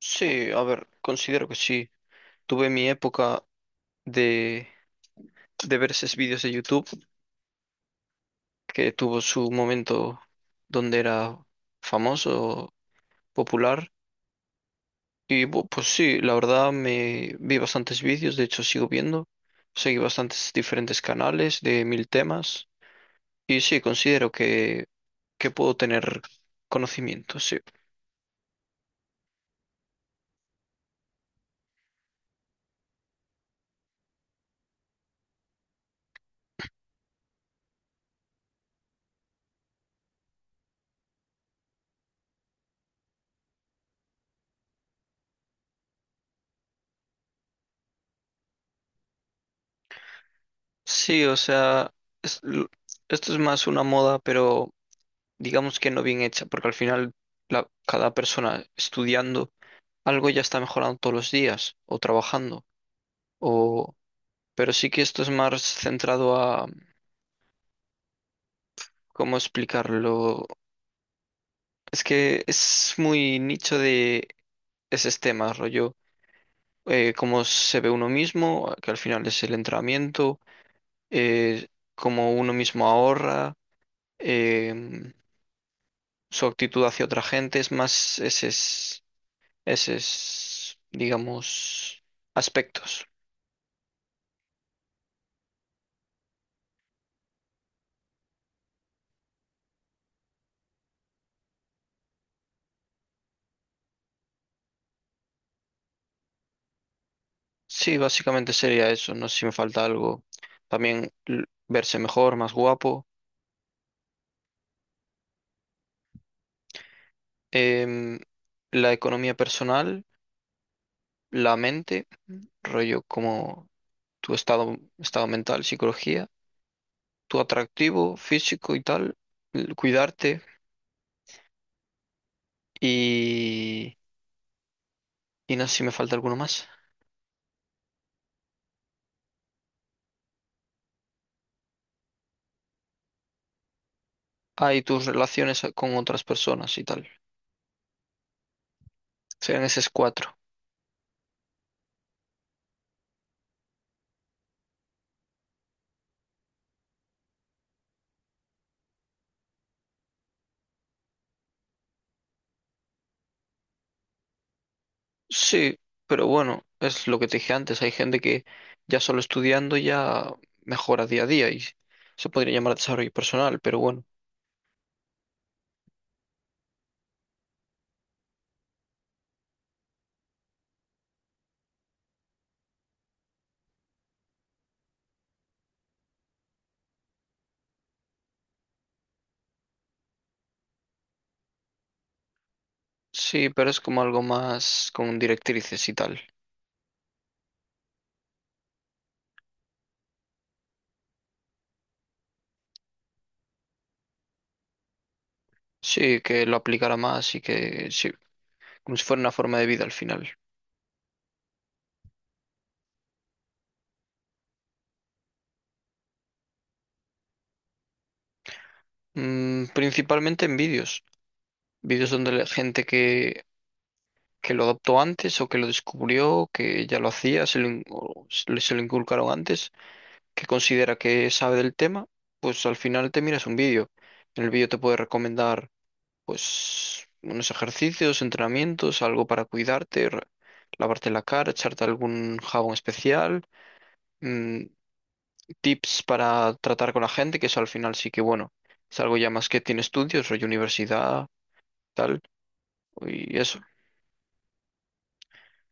Sí, a ver, considero que sí. Tuve mi época de, de ver esos vídeos de YouTube que tuvo su momento donde era famoso, popular. Y pues sí, la verdad me vi bastantes vídeos, de hecho sigo viendo. Seguí bastantes diferentes canales de mil temas. Y sí, considero que puedo tener conocimiento, sí. Sí, o sea, es- l- esto es más una moda, pero... digamos que no bien hecha, porque al final cada persona estudiando algo ya está mejorando todos los días o trabajando, o pero sí que esto es más centrado a, ¿cómo explicarlo? Es que es muy nicho de ese tema, rollo, cómo se ve uno mismo, que al final es el entrenamiento, eh, cómo uno mismo ahorra, em, su actitud hacia otra gente, es más ese es, digamos, aspectos. Sí, básicamente sería eso. No sé si me falta algo. También verse mejor, más guapo. Em, la economía personal, la mente, rollo como tu estado mental, psicología, tu atractivo físico y tal, cuidarte y, y no sé si me falta alguno más. Ah, y tus relaciones con otras personas y tal. Serían esas cuatro. Sí, pero bueno, es lo que te dije antes. Hay gente que ya solo estudiando ya mejora día a día y se podría llamar desarrollo personal, pero bueno. Sí, pero es como algo más con directrices y tal. Sí, que lo aplicara más y que sí, como si fuera una forma de vida al final. Principalmente en vídeos. Vídeos donde la gente que lo adoptó antes o que lo descubrió, que ya lo hacía, se lo, in- o se le- se lo inculcaron antes que considera que sabe del tema, pues al final te miras un vídeo. En el vídeo te puede recomendar pues unos ejercicios, entrenamientos, algo para cuidarte, lavarte la cara, echarte algún jabón especial, mm, tips para tratar con la gente, que eso al final sí que bueno, es algo ya más que tiene estudios, rollo universidad, tal, y eso.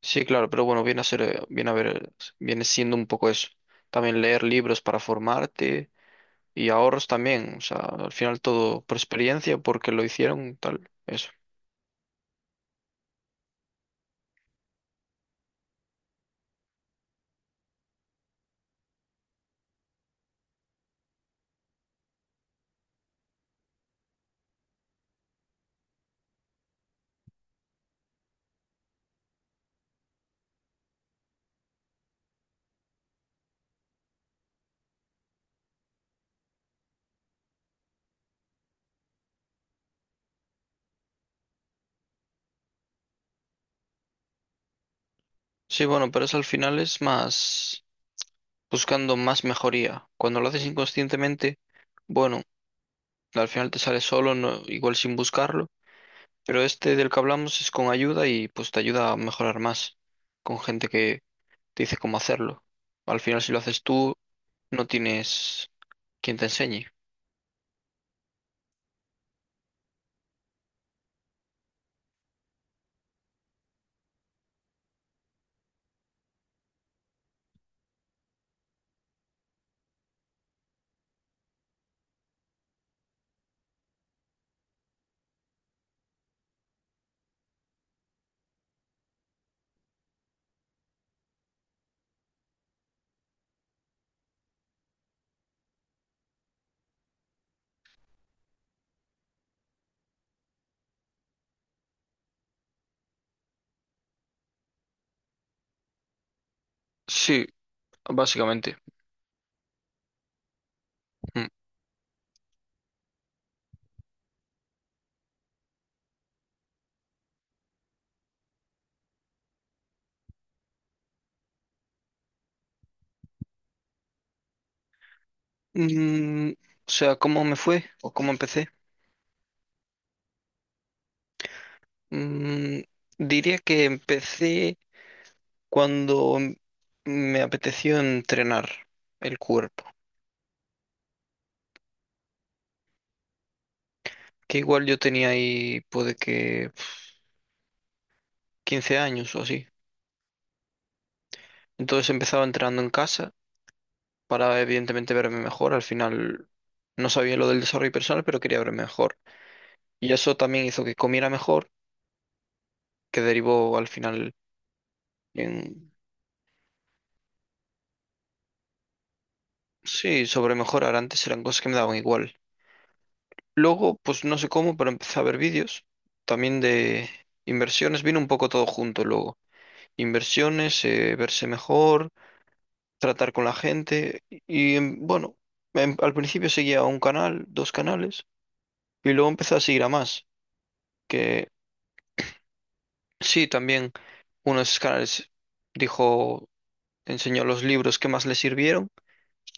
Sí, claro, pero bueno, viene a ser, viene a ver, viene siendo un poco eso. También leer libros para formarte y ahorros también, o sea, al final todo por experiencia, porque lo hicieron, tal, eso. Sí, bueno, pero eso al final es más buscando más mejoría. Cuando lo haces inconscientemente, bueno, al final te sale solo, no, igual sin buscarlo, pero este del que hablamos es con ayuda y pues te ayuda a mejorar más, con gente que te dice cómo hacerlo. Al final si lo haces tú, no tienes quien te enseñe. Sí, básicamente. Mm. Mm, o sea, ¿cómo me fue o cómo empecé? Mm, diría que empecé cuando me apeteció entrenar el cuerpo, que igual yo tenía ahí, puede que 15 años o así. Entonces empezaba entrenando en casa para evidentemente verme mejor. Al final no sabía lo del desarrollo personal, pero quería verme mejor. Y eso también hizo que comiera mejor, que derivó al final en. Sí, sobre mejorar. Antes eran cosas que me daban igual. Luego, pues no sé cómo, pero empecé a ver vídeos también de inversiones. Vino un poco todo junto luego. Inversiones, verse mejor, tratar con la gente. Y bueno, al principio seguía un canal, dos canales, y luego empecé a seguir a más. Que sí, también uno de esos canales dijo, enseñó los libros que más le sirvieron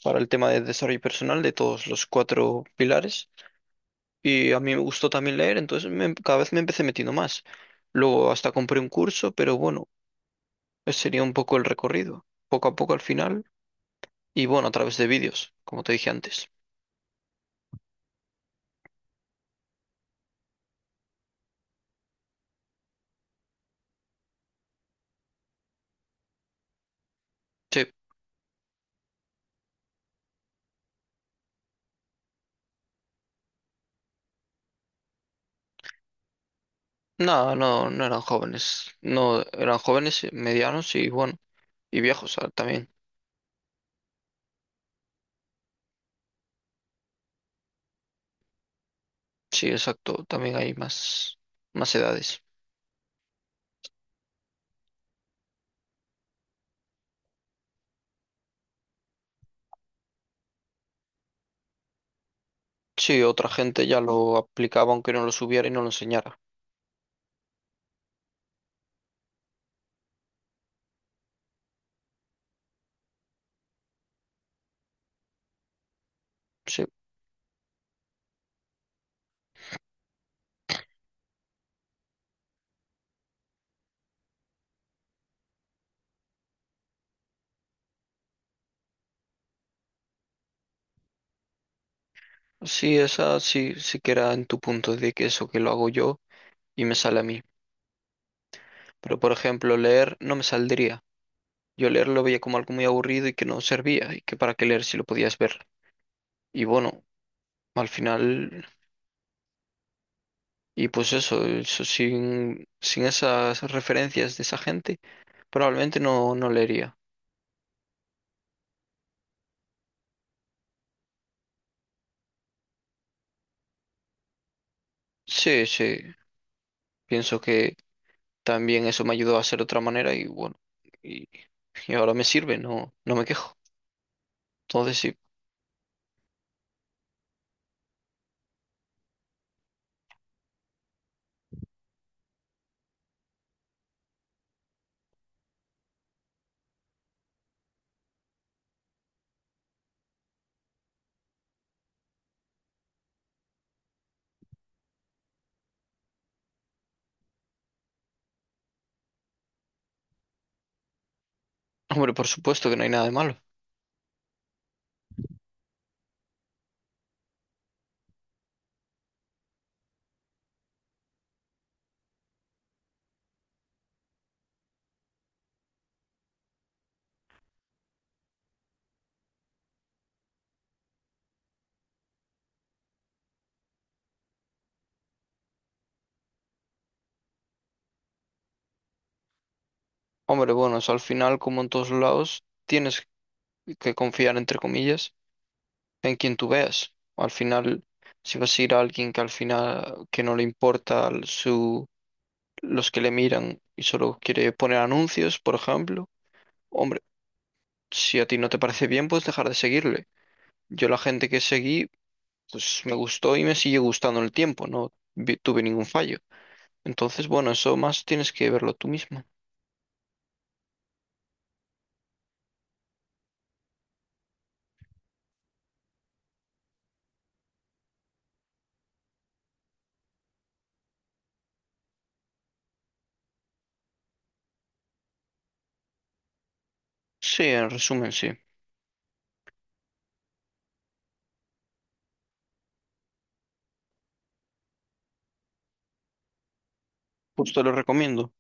para el tema de desarrollo personal de todos los cuatro pilares. Y a mí me gustó también leer, entonces cada vez me empecé metiendo más. Luego hasta compré un curso, pero bueno, ese sería un poco el recorrido, poco a poco al final, y bueno, a través de vídeos, como te dije antes. Sí, no, no, no eran jóvenes, no, eran jóvenes, medianos y bueno, y viejos también. Sí, exacto, también hay más edades. Sí, otra gente ya lo aplicaba aunque no lo subiera y no lo enseñara. Sí, sí, esa sí, sí que era en tu punto de que eso que lo hago yo y me sale a mí. Pero, por ejemplo, leer no me saldría. Yo leer lo veía como algo muy aburrido y que no servía, y que para qué leer si lo podías ver. Y bueno, al final, y pues eso sin esas referencias de esa gente, probablemente no, no leería. Sí, sí, pienso que también eso me ayudó a ser de otra manera y bueno, y, y ahora me sirve, no, no me quejo. Entonces sí, hombre, por supuesto que no hay nada de malo. Hombre, bueno, eso al final, como en todos lados, tienes que confiar entre comillas en quien tú veas. Al final, si vas a ir a alguien que al final que no le importa su, los que le miran y solo quiere poner anuncios, por ejemplo, hombre, si a ti no te parece bien, puedes dejar de seguirle. Yo la gente que seguí, pues me gustó y me sigue gustando en el tiempo, no tuve ningún fallo. Entonces, bueno, eso más tienes que verlo tú mismo. Sí, en resumen, sí. Pues te lo recomiendo.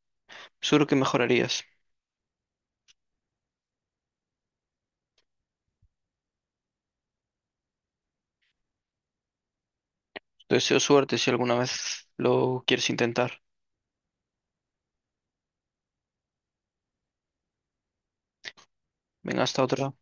Seguro que mejorarías. Te deseo suerte si alguna vez lo quieres intentar. Venga, hasta otra.